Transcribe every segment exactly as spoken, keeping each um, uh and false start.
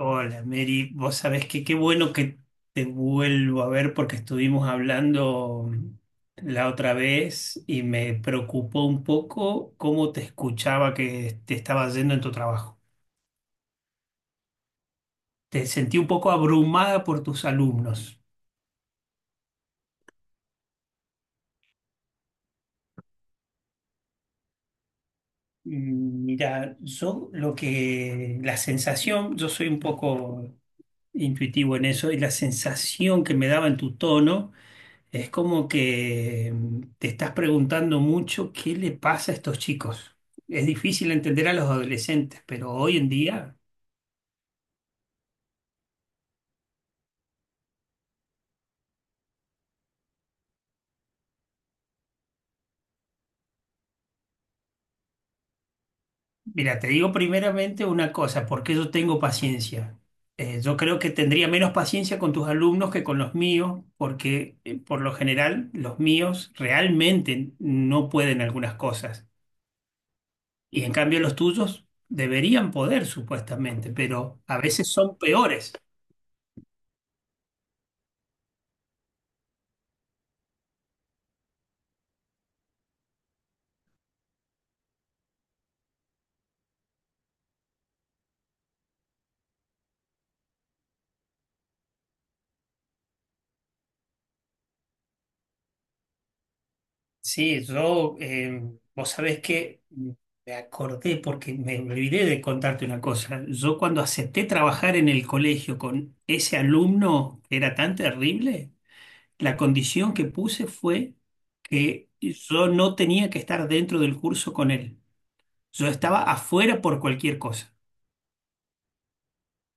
Hola Mary, vos sabés que qué bueno que te vuelvo a ver porque estuvimos hablando la otra vez y me preocupó un poco cómo te escuchaba que te estaba yendo en tu trabajo. Te sentí un poco abrumada por tus alumnos. Mm, Mira, yo lo que, la sensación, yo soy un poco intuitivo en eso y la sensación que me daba en tu tono. Es como que mm, te estás preguntando mucho qué le pasa a estos chicos. Es difícil entender a los adolescentes, pero hoy en día, mira, te digo primeramente una cosa, porque yo tengo paciencia. Eh, yo creo que tendría menos paciencia con tus alumnos que con los míos, porque eh, por lo general los míos realmente no pueden algunas cosas. Y en cambio los tuyos deberían poder, supuestamente, pero a veces son peores. Sí, yo, eh, vos sabés que me acordé porque me olvidé de contarte una cosa. Yo cuando acepté trabajar en el colegio con ese alumno que era tan terrible, la condición que puse fue que yo no tenía que estar dentro del curso con él. Yo estaba afuera por cualquier cosa,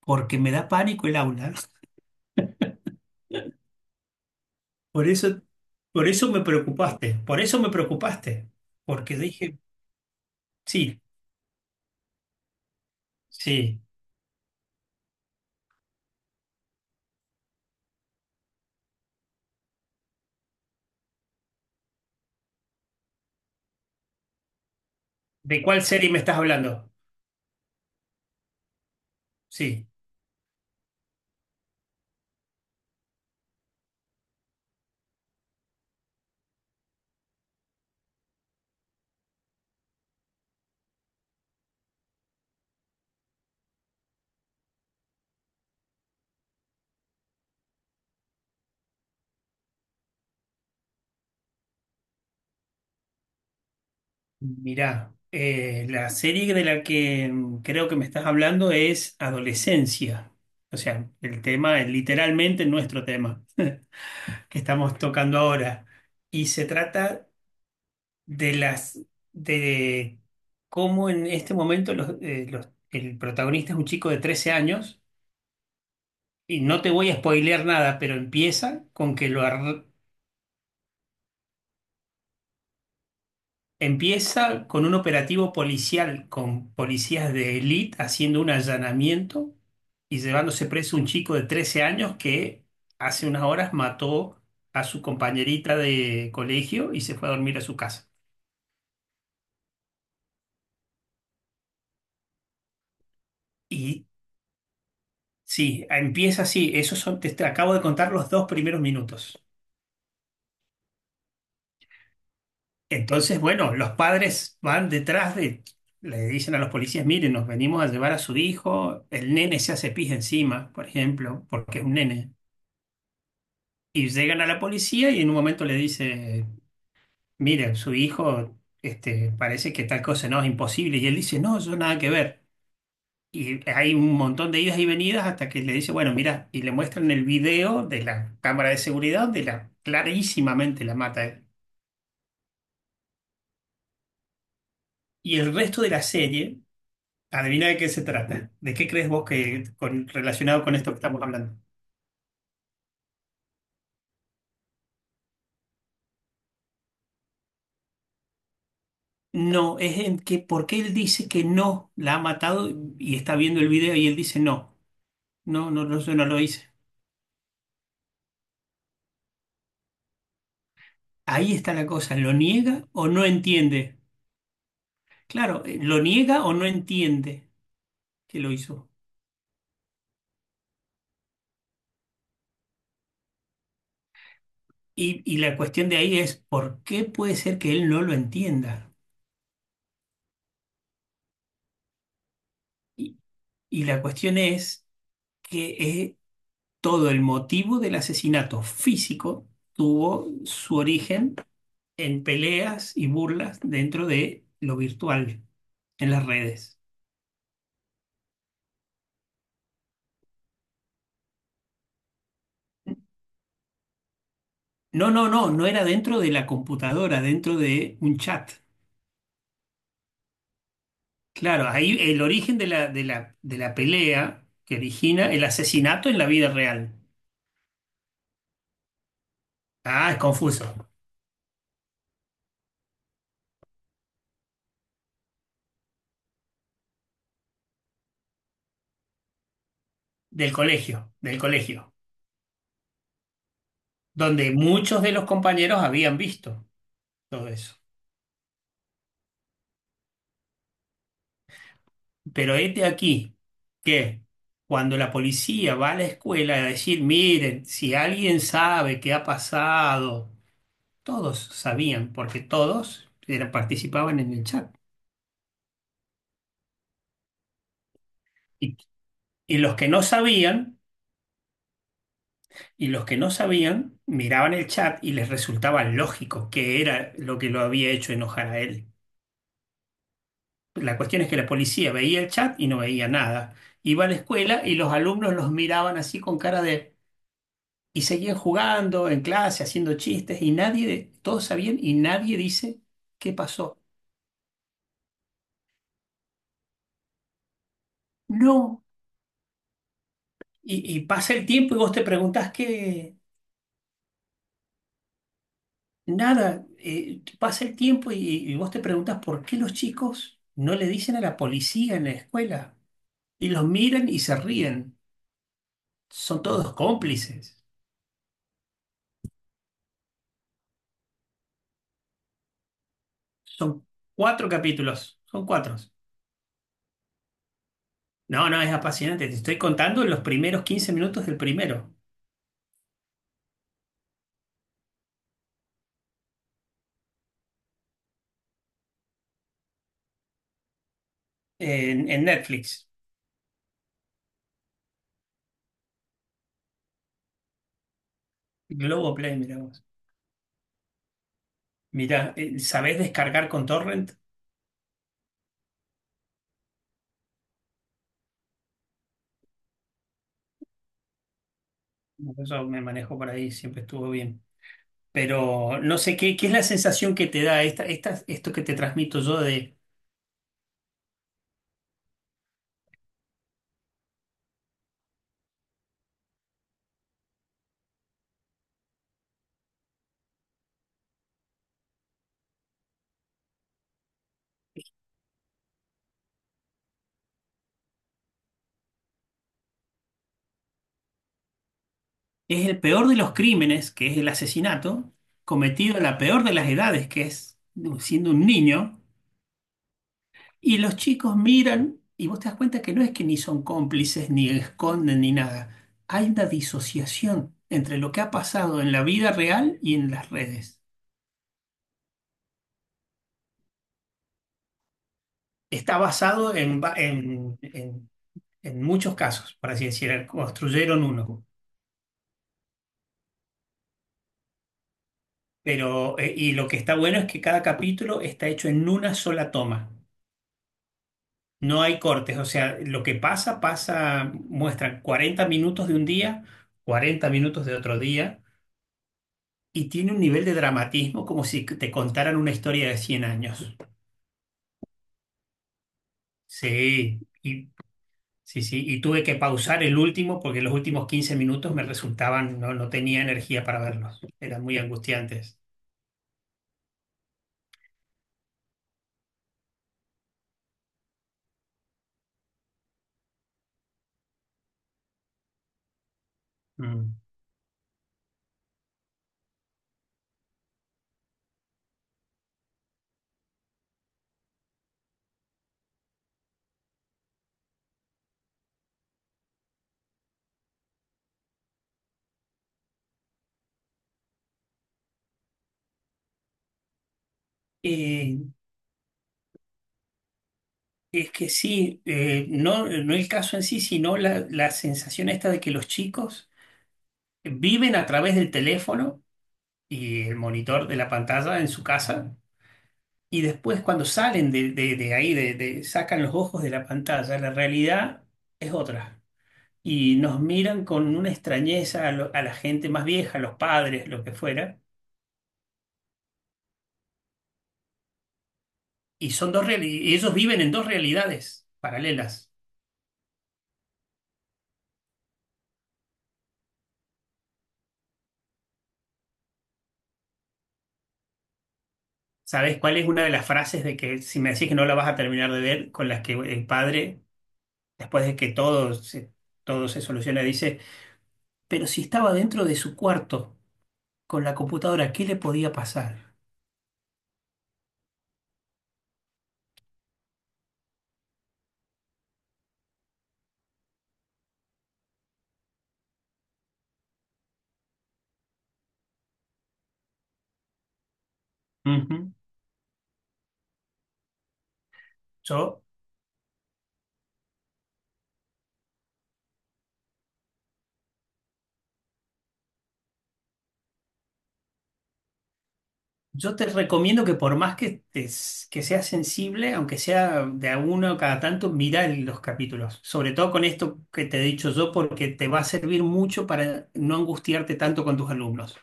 porque me da pánico el aula. Por eso, por eso me preocupaste, por eso me preocupaste, porque dije, sí, sí, ¿de cuál serie me estás hablando? Sí, mirá, eh, la serie de la que mm, creo que me estás hablando es Adolescencia. O sea, el tema es literalmente nuestro tema que estamos tocando ahora. Y se trata de las de cómo en este momento los, eh, los- el protagonista es un chico de trece años. Y no te voy a spoilear nada, pero empieza con que lo, empieza con un operativo policial con policías de élite haciendo un allanamiento y llevándose preso un chico de trece años que hace unas horas mató a su compañerita de colegio y se fue a dormir a su casa. Y sí, empieza así. Esos son, te, te acabo de contar los dos primeros minutos. Entonces, bueno, los padres van detrás de, le dicen a los policías, miren, nos venimos a llevar a su hijo. El nene se hace pis encima, por ejemplo, porque es un nene. Y llegan a la policía y en un momento le dice, mire, su hijo, este, parece que tal cosa no es imposible. Y él dice, no, yo nada que ver. Y hay un montón de idas y venidas hasta que le dice, bueno, mira, y le muestran el video de la cámara de seguridad de la clarísimamente la mata él. Y el resto de la serie, adivina de qué se trata. ¿De qué crees vos que con- relacionado con esto que estamos hablando? No, es en que porque él dice que no la ha matado y está viendo el video y él dice no, no, no, no, yo no lo hice. Ahí está la cosa, ¿lo niega o no entiende? Claro, eh, lo niega o no entiende que lo hizo. Y, y la cuestión de ahí es, ¿por qué puede ser que él no lo entienda? Y, y la cuestión es que eh, todo el motivo del asesinato físico tuvo su origen en peleas y burlas dentro de lo virtual, en las redes. No, no, no, no era dentro de la computadora, dentro de un chat. Claro, ahí el origen de la, de la, de la pelea que origina el asesinato en la vida real. Ah, es confuso. Del colegio, del colegio, donde muchos de los compañeros habían visto todo eso. Pero este aquí que cuando la policía va a la escuela a decir, miren, si alguien sabe qué ha pasado, todos sabían, porque todos eran- participaban en el chat. Y, y los que no sabían Y los que no sabían miraban el chat y les resultaba lógico que era lo que lo había hecho enojar a él. La cuestión es que la policía veía el chat y no veía nada. Iba a la escuela y los alumnos los miraban así con cara de... Y seguían jugando en clase, haciendo chistes y nadie, todos sabían y nadie dice qué pasó. No. Y, y pasa el tiempo y vos te preguntás qué... Nada. Eh, pasa el tiempo y, y vos te preguntás por qué los chicos no le dicen a la policía en la escuela. Y los miran y se ríen. Son todos cómplices. Son cuatro capítulos. Son cuatro. No, no, es apasionante. Te estoy contando los primeros quince minutos del primero en, en Netflix. Globoplay, mirá vos. Mirá, eh, ¿sabés descargar con torrent? Eso me manejo por ahí, siempre estuvo bien. Pero no sé qué, qué es la sensación que te da esta, esta- esto que te transmito yo de es el peor de los crímenes, que es el asesinato, cometido a la peor de las edades, que es siendo un niño. Y los chicos miran y vos te das cuenta que no es que ni son cómplices, ni esconden, ni nada. Hay una disociación entre lo que ha pasado en la vida real y en las redes. Está basado en, va- en, en- en muchos casos, por así decir, construyeron uno. Pero, eh, y lo que está bueno es que cada capítulo está hecho en una sola toma. No hay cortes, o sea, lo que pasa, pasa, muestran cuarenta minutos de un día, cuarenta minutos de otro día. Y tiene un nivel de dramatismo como si te contaran una historia de cien años. Sí, y, sí, sí. Y tuve que pausar el último porque los últimos quince minutos me resultaban, no, no tenía energía para verlos. Eran muy angustiantes. Mm. Eh, es que sí, eh, no, no el caso en sí, sino la, la sensación esta de que los chicos viven a través del teléfono y el monitor de la pantalla en su casa. Y después cuando salen de, de- de ahí, de, de- sacan los ojos de la pantalla, la realidad es otra. Y nos miran con una extrañeza a, lo- a la gente más vieja, los padres, lo que fuera. Y son dos reali- y ellos viven en dos realidades paralelas. ¿Sabes cuál es una de las frases de que si me decís que no la vas a terminar de ver, con las que el padre, después de que todo se, todo se soluciona, dice, pero si estaba dentro de su cuarto con la computadora, ¿qué le podía pasar? Ujú. Yo Yo te recomiendo que por más que, te- que seas sensible, aunque sea de a uno cada tanto, mira el- los capítulos. Sobre todo con esto que te he dicho yo, porque te va a servir mucho para no angustiarte tanto con tus alumnos.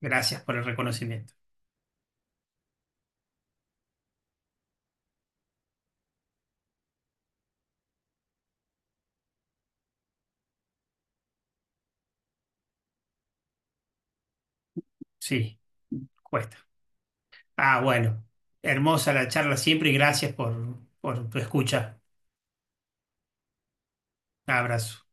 Gracias por el reconocimiento. Sí, cuesta. Ah, bueno. Hermosa la charla siempre y gracias por, por tu escucha. Abrazo.